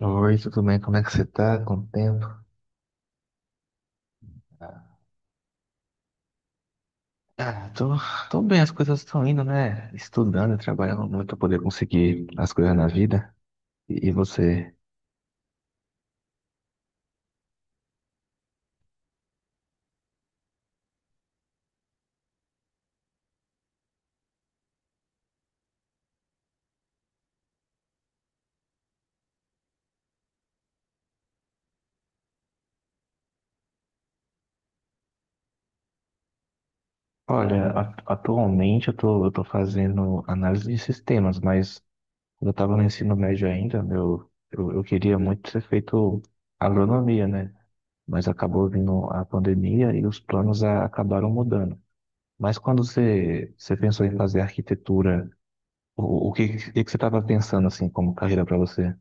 Oi, tudo bem? Como é que você tá? Quanto tempo? Ah, tô bem, as coisas estão indo, né? Estudando, e trabalhando muito pra poder conseguir as coisas na vida. E você? Olha, atualmente eu tô fazendo análise de sistemas, mas quando eu tava no ensino médio ainda, meu, eu queria muito ter feito agronomia, né? Mas acabou vindo a pandemia e os planos acabaram mudando. Mas quando você pensou em fazer arquitetura, o que que você estava pensando assim como carreira para você?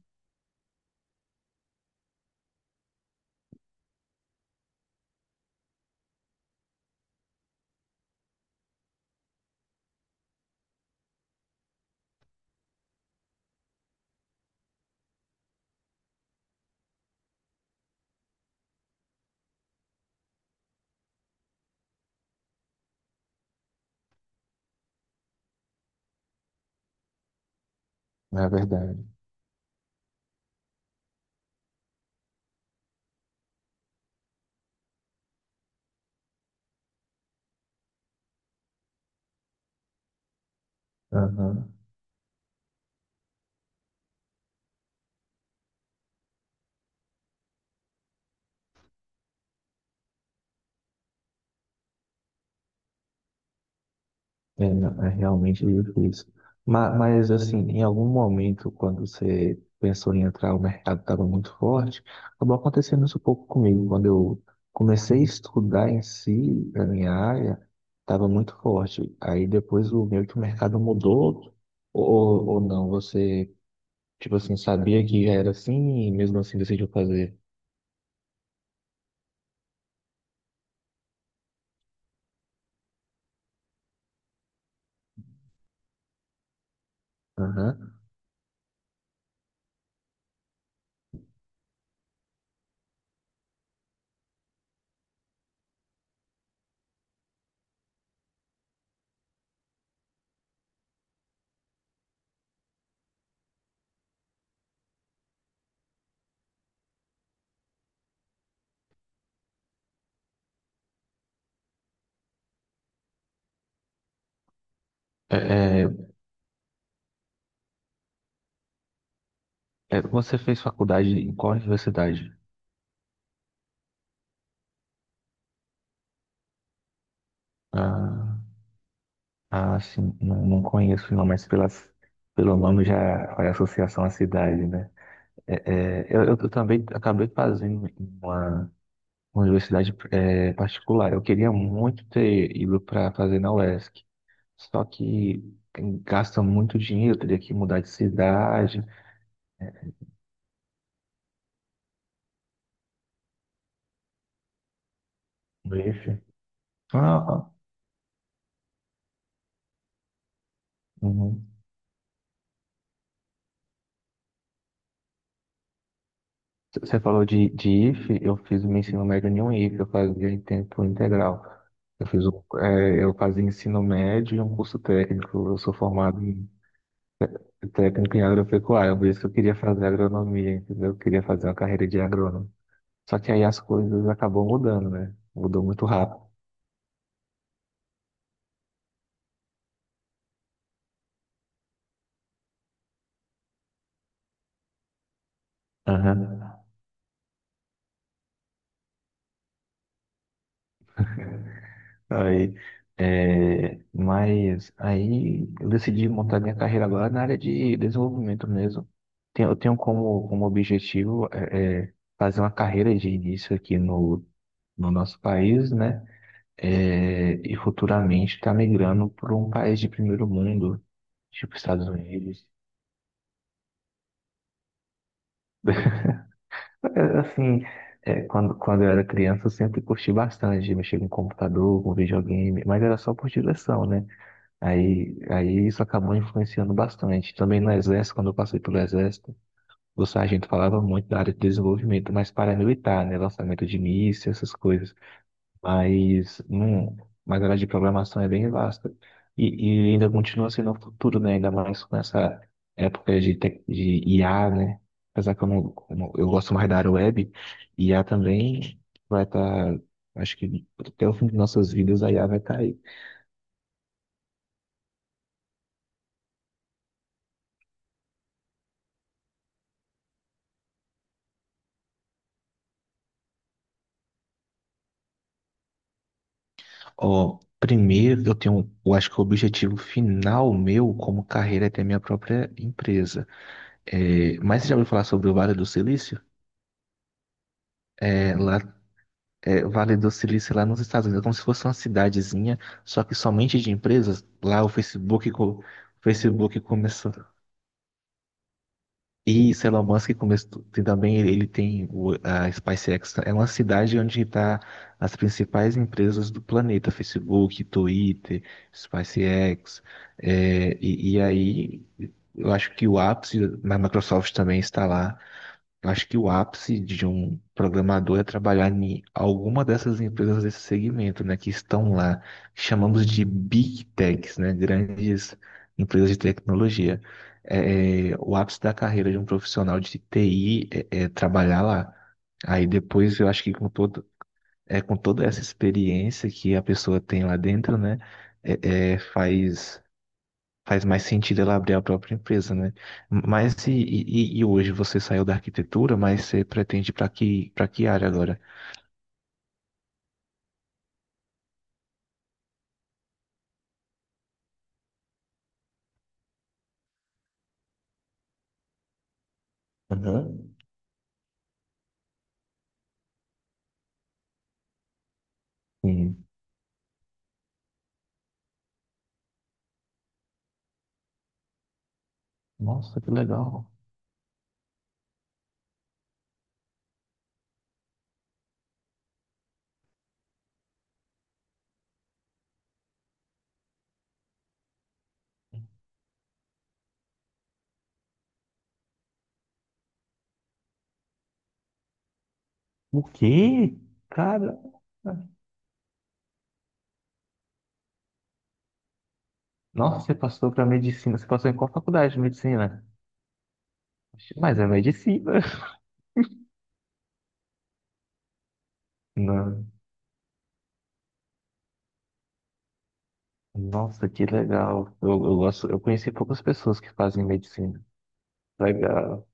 Na verdade. Aham. É, não, é realmente difícil. Mas assim, em algum momento, quando você pensou em entrar, o mercado estava muito forte. Acabou acontecendo isso um pouco comigo. Quando eu comecei a estudar em si, a minha área, estava muito forte. Aí depois o meio que o mercado mudou, ou não? Você, tipo assim, sabia que era assim e mesmo assim decidiu fazer? Aham. É, é, É, você fez faculdade em qual universidade? Ah, ah sim, não conheço não, pelo nome já faz associação à cidade, né? É, é, eu também acabei fazendo em uma uma universidade particular. Eu queria muito ter ido para fazer na UESC, só que gasta muito dinheiro, teria que mudar de cidade. Vixe. Ah, ah, uhum. Você falou de IF, eu fiz o meu ensino médio em um IF, eu fazia em tempo integral. Eu fiz, eu fazia ensino médio e um curso técnico. Eu sou formado em técnico em agropecuária, por isso que eu queria fazer agronomia, entendeu? Eu queria fazer uma carreira de agrônomo. Só que aí as coisas acabam mudando, né? Mudou muito rápido. Aham. Aí, mas aí eu decidi montar minha carreira agora na área de desenvolvimento mesmo. Eu tenho como objetivo fazer uma carreira de início aqui no, no nosso país, né? É, e futuramente estar migrando para um país de primeiro mundo, tipo Estados Unidos. É, assim, quando, quando eu era criança, eu sempre curti bastante mexer com computador, com videogame, mas era só por diversão, né? Aí isso acabou influenciando bastante. Também no exército, quando eu passei pelo exército, o sargento falava muito da área de desenvolvimento, mas paramilitar, né? Lançamento de mísseis, essas coisas. Mas, hum, mas a área de programação é bem vasta. E ainda continua sendo o futuro, né? Ainda mais com essa época de IA, né? Apesar que eu eu gosto mais da área web, IA também vai estar, acho que até o fim de nossas vidas a IA vai estar aí. Ó, primeiro eu tenho, eu acho que o objetivo final meu como carreira é ter minha própria empresa. É, mas você já ouviu falar sobre o Vale do Silício? É, lá, o Vale do Silício lá nos Estados Unidos, é como se fosse uma cidadezinha, só que somente de empresas. Lá o Facebook começou. E esse Elon Musk começou, tem também ele tem a SpaceX, é uma cidade onde está as principais empresas do planeta, Facebook, Twitter, SpaceX, e aí eu acho que o ápice da Microsoft também está lá. Eu acho que o ápice de um programador é trabalhar em alguma dessas empresas desse segmento, né, que estão lá, que chamamos de Big Techs, né, grandes empresas de tecnologia. O ápice da carreira de um profissional de TI é trabalhar lá. Aí depois eu acho que com toda essa experiência que a pessoa tem lá dentro, né, faz faz mais sentido ela abrir a própria empresa, né? Mas e hoje você saiu da arquitetura, mas você pretende para que área agora? Uhum. Sim. Nossa, que legal. O quê? Cara, nossa, você passou para medicina. Você passou em qual faculdade de medicina? Mas é medicina. Não. Nossa, que legal. Eu gosto, eu conheci poucas pessoas que fazem medicina. Legal.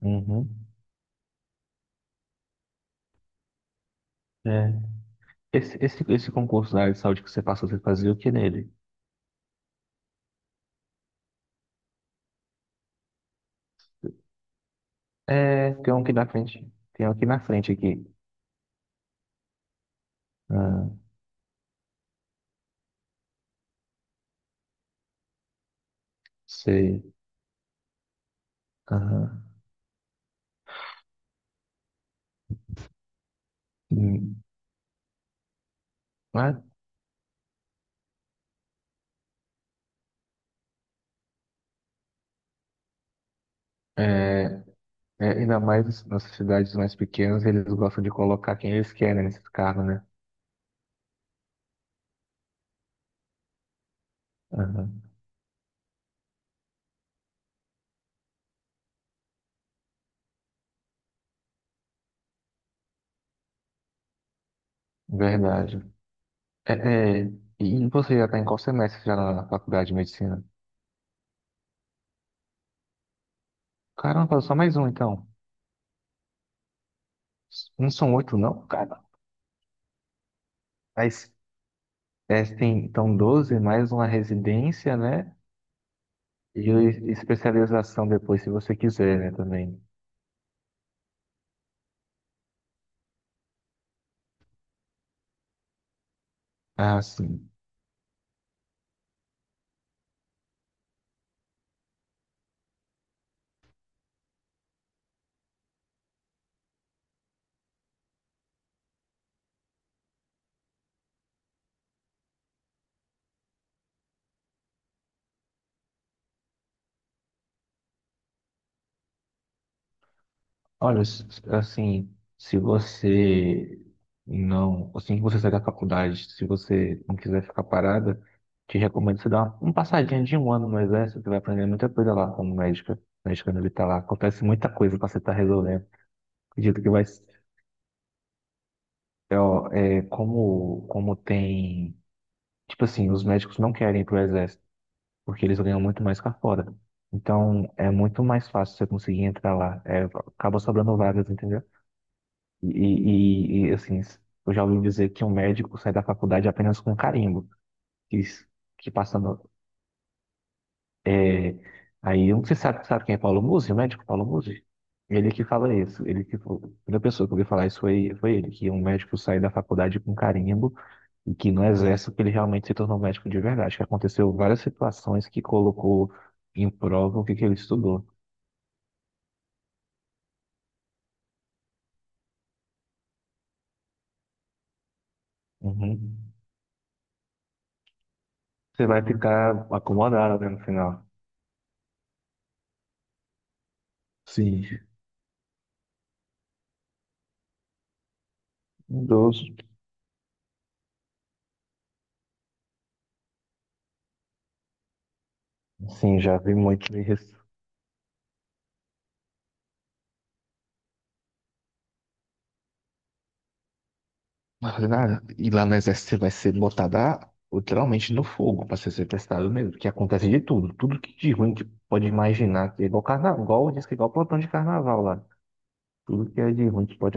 Uhum. É. Esse concurso da área de saúde que você passou, você fazia o que nele? É, tem um aqui na frente. Tem um aqui na frente aqui. Ah, sei. Aham. Hum, mas, É, é, ainda mais nas cidades mais pequenas, eles gostam de colocar quem eles querem nesses carros, né? Aham, verdade. É, é, e você já está em qual semestre já na faculdade de medicina? Caramba, só mais um então. Não são oito, não, cara. Mas tem, então, 12 mais uma residência, né? Especialização depois, se você quiser, né, também. Ah, sim. Olha, s- assim, se você não, assim que você sair da faculdade, se você não quiser ficar parada, te recomendo você dar uma passadinha de 1 ano no exército. Você vai aprender muita coisa lá como médica, médica militar lá. Acontece muita coisa para você estar resolvendo. Acredito que vai, como tem, tipo assim, os médicos não querem ir pro exército, porque eles ganham muito mais cá fora. Então, é muito mais fácil você conseguir entrar lá. É, acaba sobrando vagas, entendeu? E, assim, eu já ouvi dizer que um médico sai da faculdade apenas com carimbo, que, que passando. É, aí, eu não sei se sabe, sabe quem é Paulo Musi, o médico Paulo Musi? Ele que fala isso, a primeira pessoa que eu ouvi falar isso foi, foi ele, que um médico sai da faculdade com carimbo e que não exerce o que ele realmente se tornou médico de verdade, que aconteceu várias situações que colocou em prova que ele estudou. Uhum. Você vai ficar acomodado, né, no final. Sim. Mudou. Sim, já vi muito isso. E lá no exército você vai ser botado ah, literalmente no fogo para ser testado mesmo, que acontece de tudo, tudo que de ruim que pode imaginar, que é igual carnaval, igual diz que é igual plantão de carnaval lá. Tudo que é de ruim que pode